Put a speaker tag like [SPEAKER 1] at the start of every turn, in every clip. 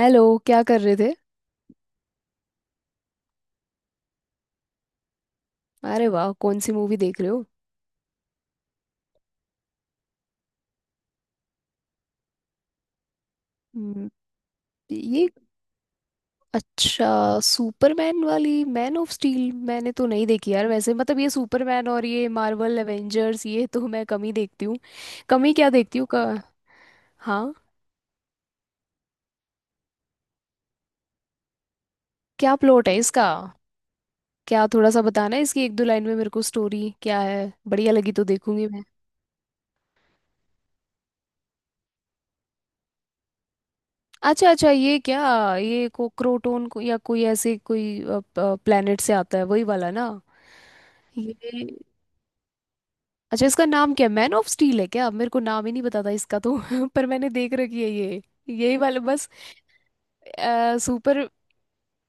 [SPEAKER 1] Hello, क्या कर रहे थे? अरे वाह, कौन सी मूवी देख रहे हो? हम्म। ये अच्छा। सुपरमैन वाली मैन ऑफ स्टील मैंने तो नहीं देखी यार, वैसे मतलब ये सुपरमैन और ये मार्वल एवेंजर्स ये तो मैं कम ही देखती हूँ। कम ही क्या देखती हूँ का। हाँ। क्या प्लॉट है इसका? क्या थोड़ा सा बताना है, इसकी 1-2 लाइन में मेरे को स्टोरी क्या है, बढ़िया लगी तो देखूंगी मैं। अच्छा अच्छा, ये क्या, ये कोक्रोटोन को, या कोई ऐसे कोई प्लेनेट से आता है, वही वाला ना? ये अच्छा, इसका नाम क्या है, मैन ऑफ स्टील है क्या? मेरे को नाम ही नहीं पता था इसका तो पर मैंने देख रखी है ये, यही वाला बस। सुपर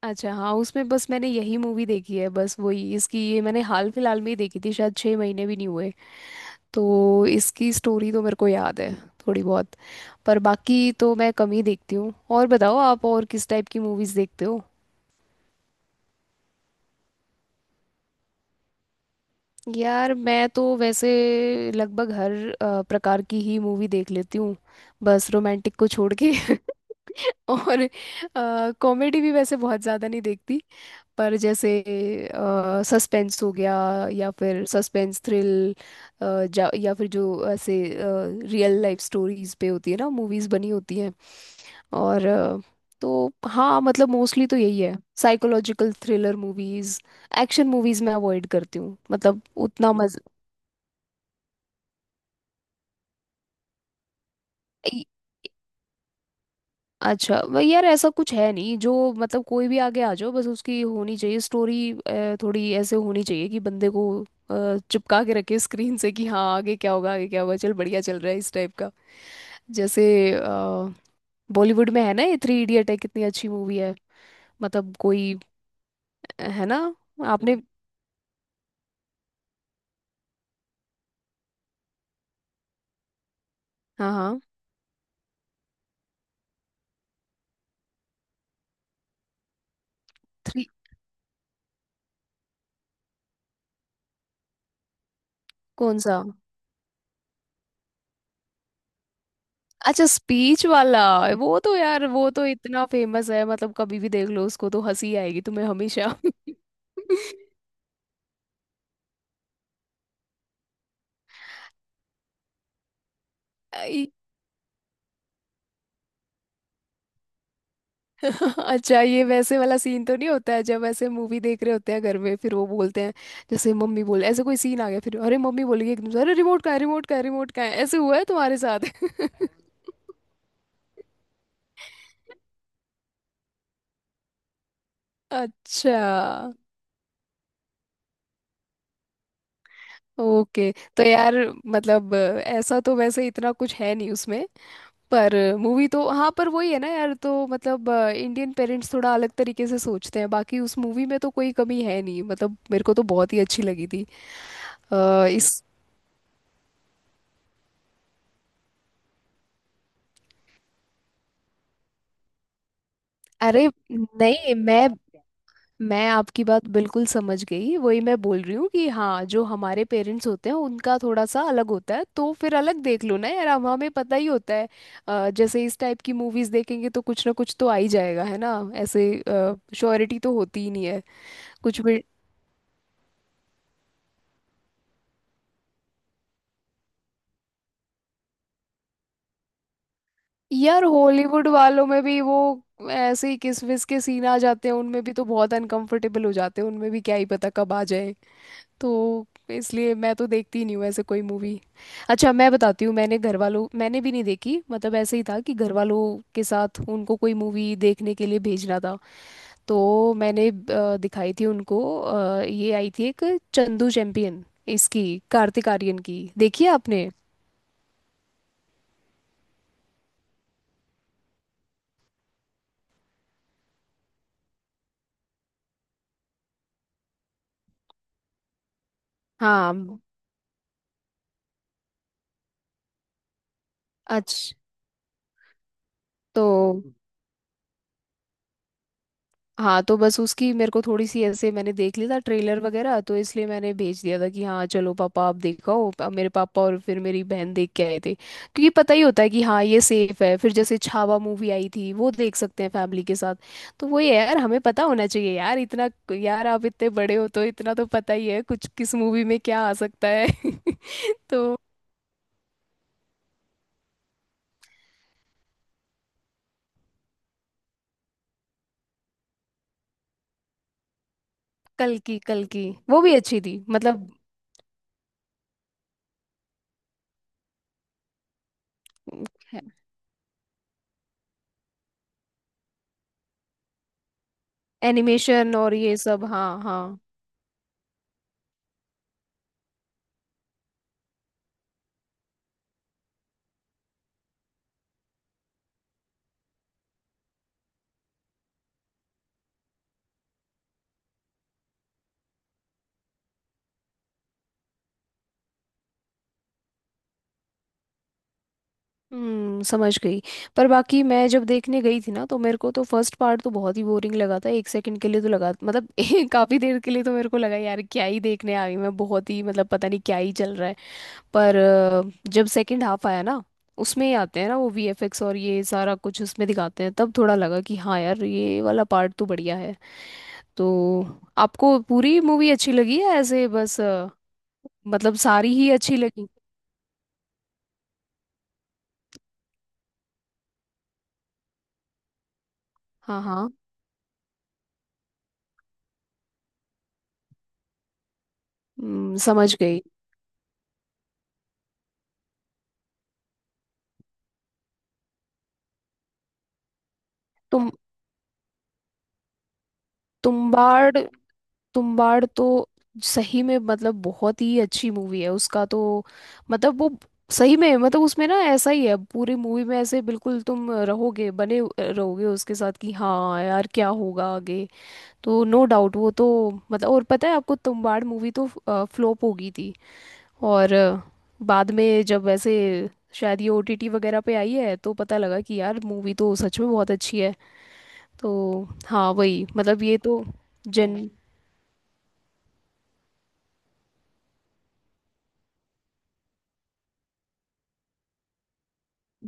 [SPEAKER 1] अच्छा हाँ, उसमें बस मैंने यही मूवी देखी है, बस वही। इसकी ये मैंने हाल फिलहाल में ही देखी थी, शायद 6 महीने भी नहीं हुए, तो इसकी स्टोरी तो मेरे को याद है, थोड़ी बहुत। पर बाकी तो मैं कम ही देखती हूँ। और बताओ, आप और किस टाइप की मूवीज़ देखते हो? यार मैं तो वैसे लगभग हर प्रकार की ही मूवी देख लेती हूँ, बस रोमांटिक को छोड़ के। और कॉमेडी भी वैसे बहुत ज़्यादा नहीं देखती, पर जैसे सस्पेंस हो गया, या फिर सस्पेंस थ्रिल, या फिर जो ऐसे रियल लाइफ स्टोरीज पे होती है ना मूवीज़ बनी होती हैं, और तो हाँ मतलब मोस्टली तो यही है, psychological thriller movies. Action movies मैं अवॉइड करती हूँ, मतलब उतना मज़ा अच्छा वो। यार ऐसा कुछ है नहीं जो, मतलब कोई भी आगे आ जाओ, बस उसकी होनी चाहिए स्टोरी। थोड़ी ऐसे होनी चाहिए कि बंदे को चिपका के रखे स्क्रीन से, कि हाँ आगे क्या होगा, आगे क्या होगा, चल बढ़िया चल रहा है, इस टाइप का। जैसे बॉलीवुड में है ना, ये थ्री इडियट है, कितनी अच्छी मूवी है। मतलब कोई है ना। आपने हाँ हाँ। थ्री कौन सा? अच्छा, स्पीच वाला, वो तो यार वो तो इतना फेमस है, मतलब कभी भी देख लो उसको तो हंसी आएगी तुम्हें हमेशा। अच्छा, ये वैसे वाला सीन तो नहीं होता है, जब ऐसे मूवी देख रहे होते हैं घर में, फिर वो बोलते हैं? जैसे मम्मी बोले, ऐसे कोई सीन आ गया फिर अरे, मम्मी बोलेगी एकदम से, अरे रिमोट कहाँ है, रिमोट कहाँ है, रिमोट कहाँ है, ऐसे हुआ है तुम्हारे साथ? अच्छा। ओके। तो यार, मतलब ऐसा तो वैसे इतना कुछ है नहीं उसमें, पर मूवी तो हाँ, पर वही है ना यार, तो मतलब इंडियन पेरेंट्स थोड़ा अलग तरीके से सोचते हैं, बाकी उस मूवी में तो कोई कमी है नहीं, मतलब मेरे को तो बहुत ही अच्छी लगी थी। अ, इस अरे नहीं, मैं आपकी बात बिल्कुल समझ गई, वही मैं बोल रही हूँ कि हाँ जो हमारे पेरेंट्स होते हैं उनका थोड़ा सा अलग होता है, तो फिर अलग देख लो ना यार, हम हमें पता ही होता है। जैसे इस टाइप की मूवीज देखेंगे तो कुछ ना कुछ तो आ ही जाएगा, है ना, ऐसे श्योरिटी तो होती ही नहीं है। कुछ भी। यार हॉलीवुड वालों में भी वो ऐसे ही किस विस के सीन आ जाते हैं उनमें भी, तो बहुत अनकंफर्टेबल हो जाते हैं, उनमें भी क्या ही पता कब आ जाए, तो इसलिए मैं तो देखती ही नहीं हूँ ऐसे कोई मूवी। अच्छा, मैं बताती हूँ, मैंने घर वालों, मैंने भी नहीं देखी, मतलब ऐसे ही था कि घर वालों के साथ उनको कोई मूवी देखने के लिए भेजना था, तो मैंने दिखाई थी उनको, ये आई थी एक, चंदू चैंपियन, इसकी, कार्तिक आर्यन की, देखी है आपने? हाँ। अच्छा। तो हाँ, तो बस उसकी मेरे को थोड़ी सी ऐसे, मैंने देख लिया था ट्रेलर वगैरह, तो इसलिए मैंने भेज दिया था कि हाँ चलो पापा आप देखो, अब मेरे पापा और फिर मेरी बहन देख के आए थे, क्योंकि पता ही होता है कि हाँ ये सेफ है। फिर जैसे छावा मूवी आई थी, वो देख सकते हैं फैमिली के साथ। तो वही है यार, हमें पता होना चाहिए यार इतना, यार आप इतने बड़े हो तो इतना तो पता ही है कुछ, किस मूवी में क्या आ सकता है। तो कल की वो भी अच्छी थी मतलब, एनिमेशन और ये सब, हाँ हाँ। समझ गई। पर बाकी मैं जब देखने गई थी ना, तो मेरे को तो फर्स्ट पार्ट तो बहुत ही बोरिंग लगा था, 1 सेकंड के लिए तो लगा मतलब काफी देर के लिए तो मेरे को लगा यार क्या ही देखने आ गई मैं, बहुत ही मतलब पता नहीं क्या ही चल रहा है। पर जब सेकंड हाफ आया ना, उसमें ही आते हैं ना वो वीएफएक्स और ये सारा कुछ उसमें दिखाते हैं, तब थोड़ा लगा कि हाँ यार ये वाला पार्ट तो बढ़िया है। तो आपको पूरी मूवी अच्छी लगी या ऐसे बस मतलब सारी ही अच्छी लगी? हाँ हाँ। समझ गई। तो तुम्बाड़, तुम्बाड़ तो सही में मतलब बहुत ही अच्छी मूवी है, उसका तो मतलब वो सही में मतलब उसमें ना ऐसा ही है, पूरी मूवी में ऐसे बिल्कुल तुम रहोगे, रहोगे उसके साथ कि हाँ यार क्या होगा आगे। तो नो डाउट वो तो मतलब, और पता है आपको तुम्बाड़ मूवी तो फ्लॉप हो गई थी, और बाद में जब ऐसे शायद ये ओटीटी वगैरह पे आई है, तो पता लगा कि यार मूवी तो सच में बहुत अच्छी है। तो हाँ वही मतलब, ये तो जन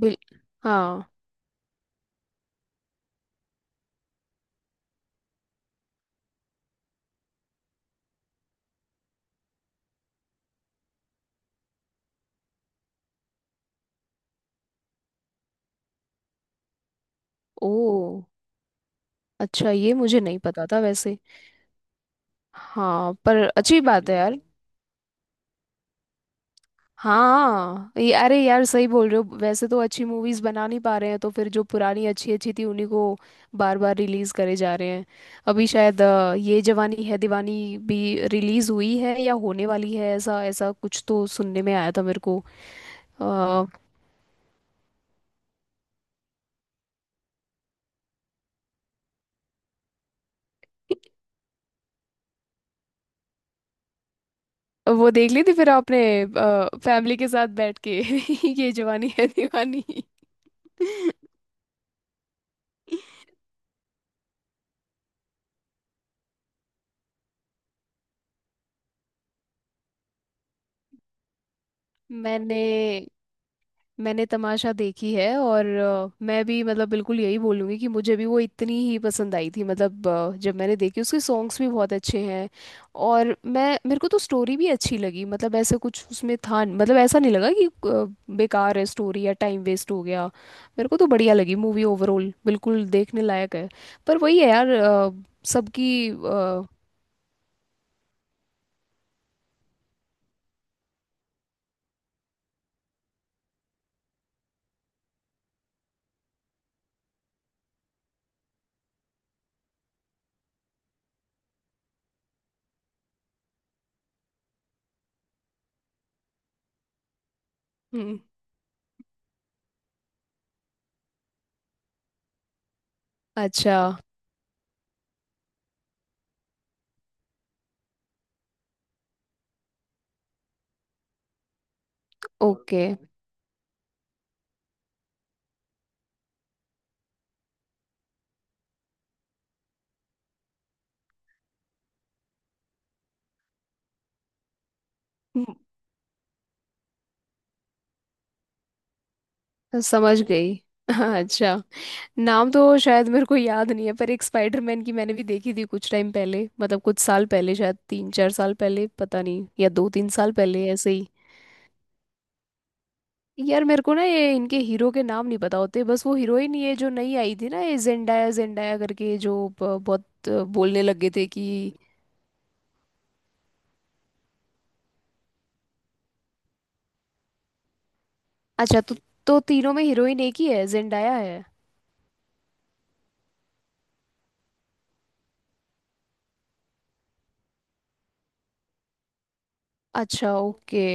[SPEAKER 1] बिल हाँ। ओ, अच्छा, ये मुझे नहीं पता था वैसे। हाँ पर अच्छी बात है यार। हाँ, ये अरे यार सही बोल रहे हो, वैसे तो अच्छी मूवीज बना नहीं पा रहे हैं, तो फिर जो पुरानी अच्छी अच्छी थी उन्हीं को बार बार रिलीज करे जा रहे हैं। अभी शायद ये जवानी है दीवानी भी रिलीज हुई है या होने वाली है, ऐसा ऐसा कुछ तो सुनने में आया था मेरे को। अ, वो देख ली थी फिर आपने, फैमिली के साथ बैठ के ये जवानी है दीवानी? मैंने मैंने तमाशा देखी है, और मैं भी मतलब बिल्कुल यही बोलूँगी कि मुझे भी वो इतनी ही पसंद आई थी मतलब, जब मैंने देखी उसके सॉन्ग्स भी बहुत अच्छे हैं, और मैं मेरे को तो स्टोरी भी अच्छी लगी मतलब, ऐसा कुछ उसमें था न- मतलब ऐसा नहीं लगा कि बेकार है स्टोरी या टाइम वेस्ट हो गया, मेरे को तो बढ़िया लगी मूवी ओवरऑल, बिल्कुल देखने लायक है। पर वही है यार, सबकी अ, हम्म। अच्छा ओके। समझ गई। अच्छा। नाम तो शायद मेरे को याद नहीं है, पर एक स्पाइडरमैन की मैंने भी देखी थी कुछ टाइम पहले, मतलब कुछ साल पहले, शायद 3-4 साल पहले, पता नहीं, या 2-3 साल पहले ऐसे ही। यार मेरे को ना ये इनके हीरो के नाम नहीं पता होते, बस वो हीरोइन ये जो नई आई थी ना, ये जेंडाया जेंडाया करके जो बहुत बोलने लगे थे कि अच्छा। तो तीनों में हीरोइन एक ही है, जेंडाया है। अच्छा, ओके।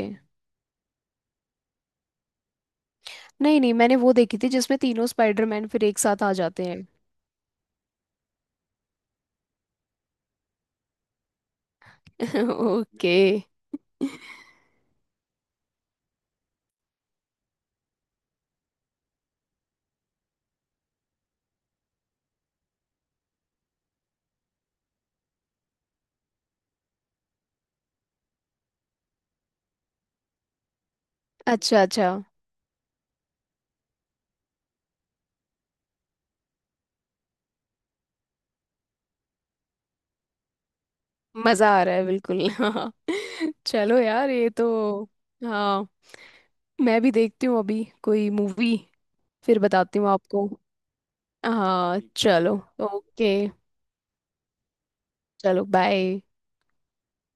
[SPEAKER 1] नहीं नहीं, मैंने वो देखी थी जिसमें तीनों स्पाइडरमैन फिर एक साथ आ जाते हैं। ओके। अच्छा अच्छा, मजा आ रहा है बिल्कुल। हाँ चलो यार, ये तो हाँ, मैं भी देखती हूँ अभी कोई मूवी, फिर बताती हूँ आपको। हाँ चलो। ओके। चलो बाय।